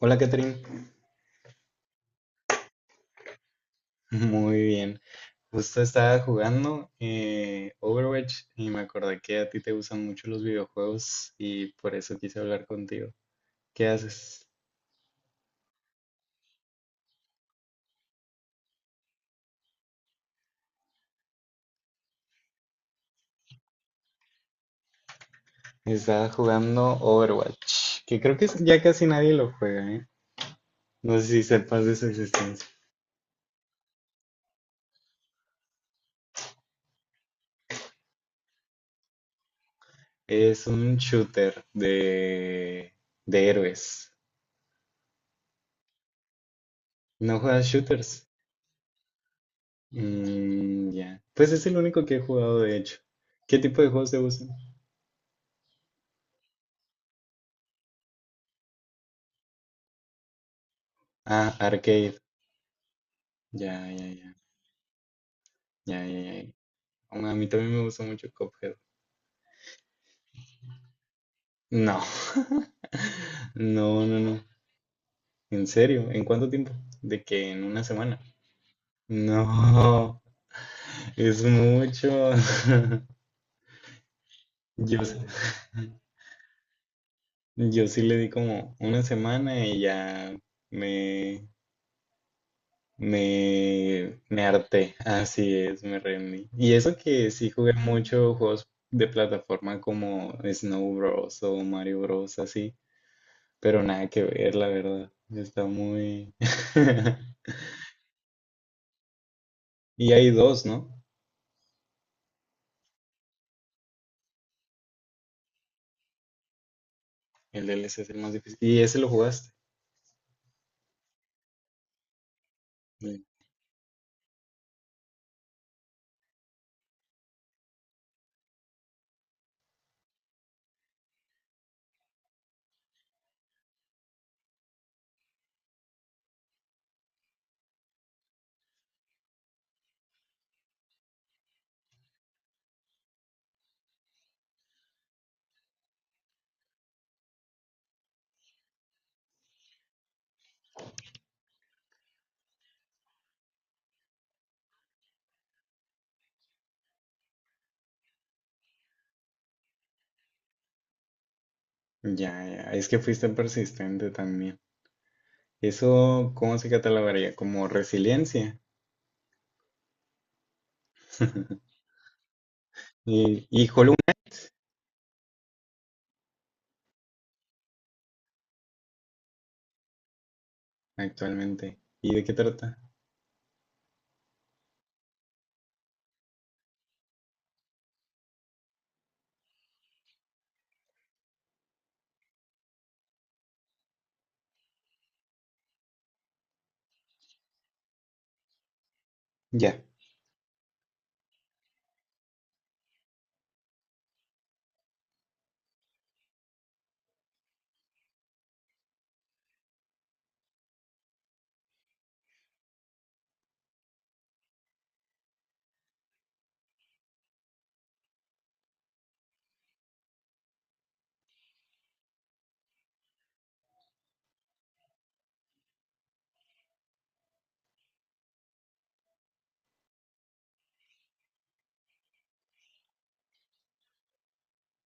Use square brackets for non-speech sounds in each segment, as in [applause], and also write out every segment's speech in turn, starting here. Hola, Catherine. [laughs] Muy bien. Justo estaba jugando Overwatch y me acordé que a ti te gustan mucho los videojuegos y por eso quise hablar contigo. ¿Qué haces? Estaba jugando Overwatch, que ya casi nadie lo juega, ¿eh? No sé si sepas de su existencia. Es un shooter de héroes. ¿No juegas shooters? Mm, ya. Pues es el único que he jugado, de hecho. ¿Qué tipo de juegos te gustan? Ah, arcade. Ya, ya, ya. Ya, ya, ya. Aún A mí también me gusta mucho Cuphead. No, [laughs] no, no, no. En serio, ¿en cuánto tiempo? De que en una semana. No, es mucho. [laughs] Yo, s- [laughs] yo sí le di como una semana y ya me, me harté. Así es, me rendí. Y eso que sí jugué mucho juegos de plataforma como Snow Bros. O Mario Bros. Así. Pero nada que ver, la verdad. Está muy [laughs] Y hay dos, ¿no? El DLC es el más difícil. Y ese lo jugaste. Sí. Ya, ya. Es que fuiste persistente también. Eso, ¿cómo se catalogaría? Como resiliencia. [laughs] Hollow Knight actualmente. ¿Y de qué trata? Ya.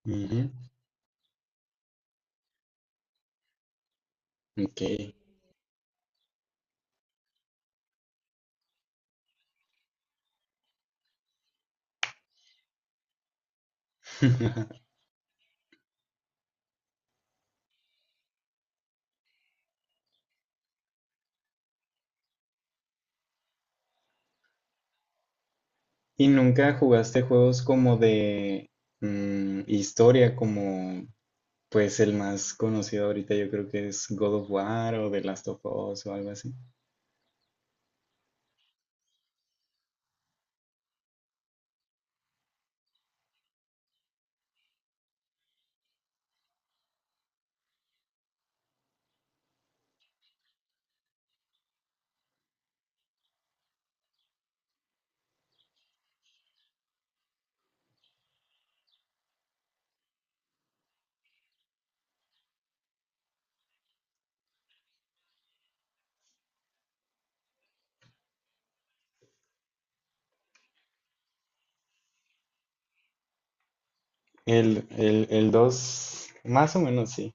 Ujú. Ok. [laughs] ¿Y nunca jugaste juegos como de historia, como Pues el más conocido ahorita yo creo que es God of War o The Last of Us o algo así. El 2 más o menos sí.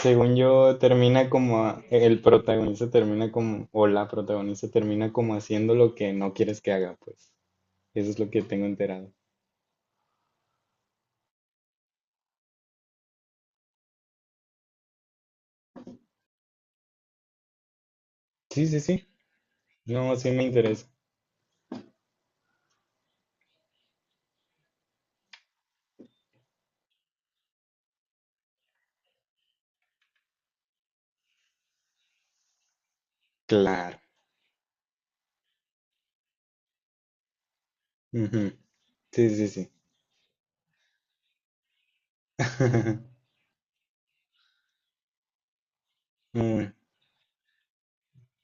Según yo, termina como, el protagonista termina como, o la protagonista termina como haciendo lo que no quieres que haga, pues. Eso es lo que tengo enterado. Sí, sí, sí. No, sí me interesa. Claro. Ujú. Sí, sí, sí. [laughs] Mm,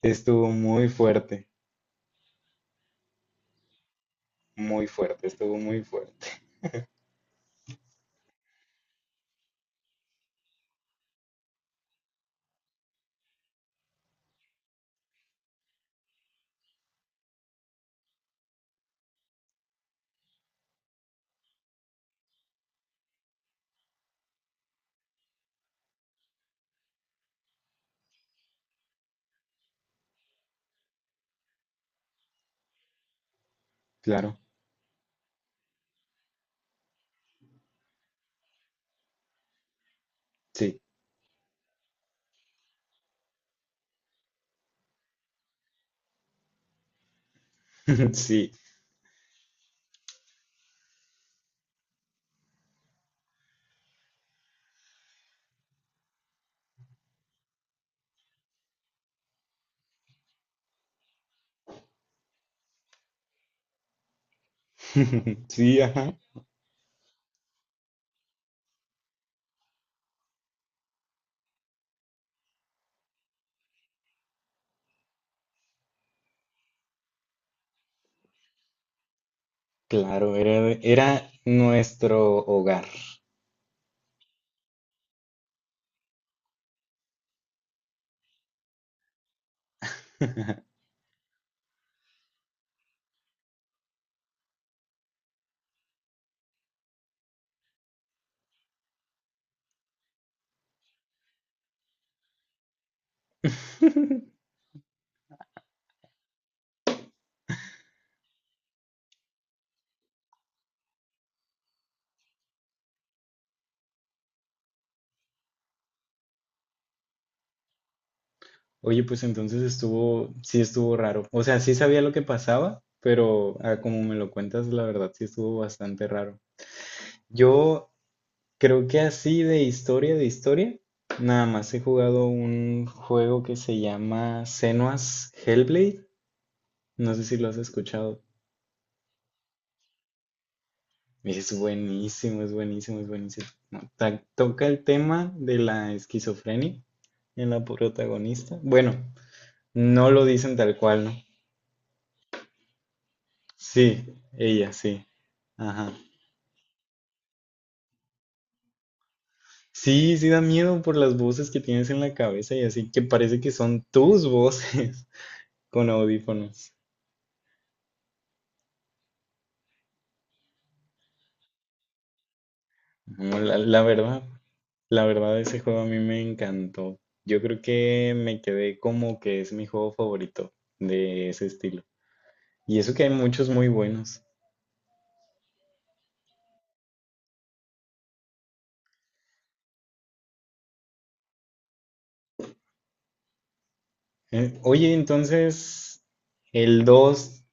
estuvo muy fuerte, estuvo muy fuerte. Claro, sí, [laughs] sí. [laughs] Sí, ajá. Claro, era, era nuestro hogar. [laughs] Oye, pues entonces estuvo, sí estuvo raro. O sea, sí sabía lo que pasaba, pero ah, como me lo cuentas, la verdad sí estuvo bastante raro. Yo creo que así de historia, nada más he jugado un juego que se llama Senua's Hellblade. No sé si lo has escuchado. Es buenísimo, es buenísimo, es buenísimo. No, toca el tema de la esquizofrenia en la protagonista. Bueno, no lo dicen tal cual, ¿no? Sí, ella, sí. Ajá. Sí, sí da miedo por las voces que tienes en la cabeza y así que parece que son tus voces [laughs] con audífonos. No, la verdad ese juego a mí me encantó. Yo creo que me quedé como que es mi juego favorito de ese estilo. Y eso que hay muchos muy buenos. Oye, entonces el 2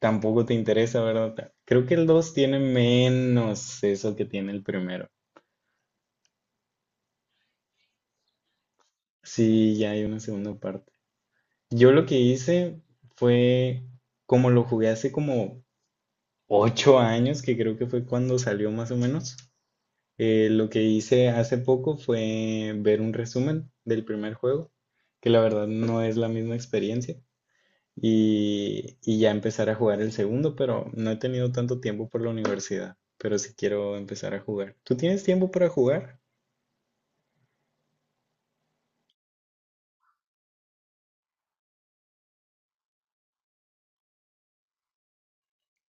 tampoco te interesa, ¿verdad? Creo que el 2 tiene menos eso que tiene el primero. Sí, ya hay una segunda parte. Yo lo que hice fue, como lo jugué hace como 8 años, que creo que fue cuando salió más o menos, lo que hice hace poco fue ver un resumen del primer juego, que la verdad no es la misma experiencia. Ya empezar a jugar el segundo, pero no he tenido tanto tiempo por la universidad, pero sí quiero empezar a jugar. ¿Tú tienes tiempo para jugar?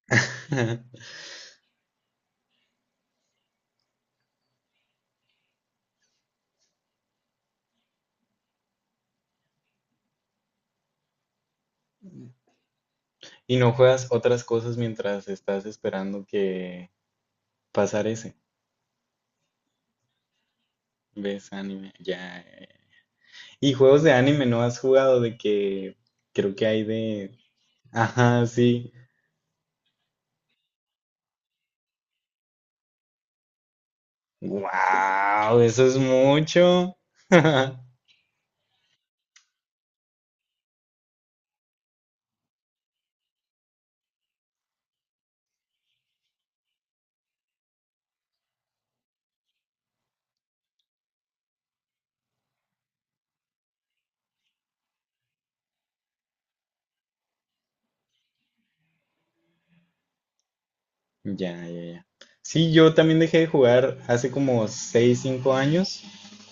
[laughs] Y no juegas otras cosas mientras estás esperando que pasar ese. ¿Ves anime? Ya. Y juegos de anime no has jugado de que creo que hay de Ajá, sí. ¡Wow! Eso es mucho. [laughs] Ya, ya, ya. Sí, yo también dejé de jugar hace como 6, 5 años,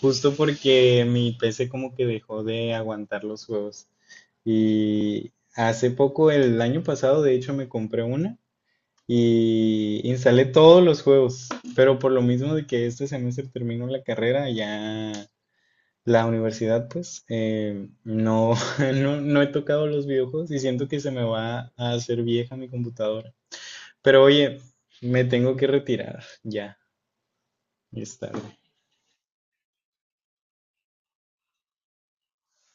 justo porque mi PC como que dejó de aguantar los juegos. Y hace poco, el año pasado, de hecho, me compré una y instalé todos los juegos, pero por lo mismo de que este semestre termino la carrera, ya la universidad, pues, no, [laughs] no, no he tocado los videojuegos y siento que se me va a hacer vieja mi computadora. Pero oye, me tengo que retirar ya, y es tarde.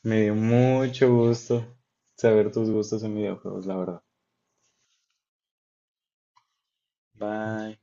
Me dio mucho gusto saber tus gustos en videojuegos, la verdad. Bye.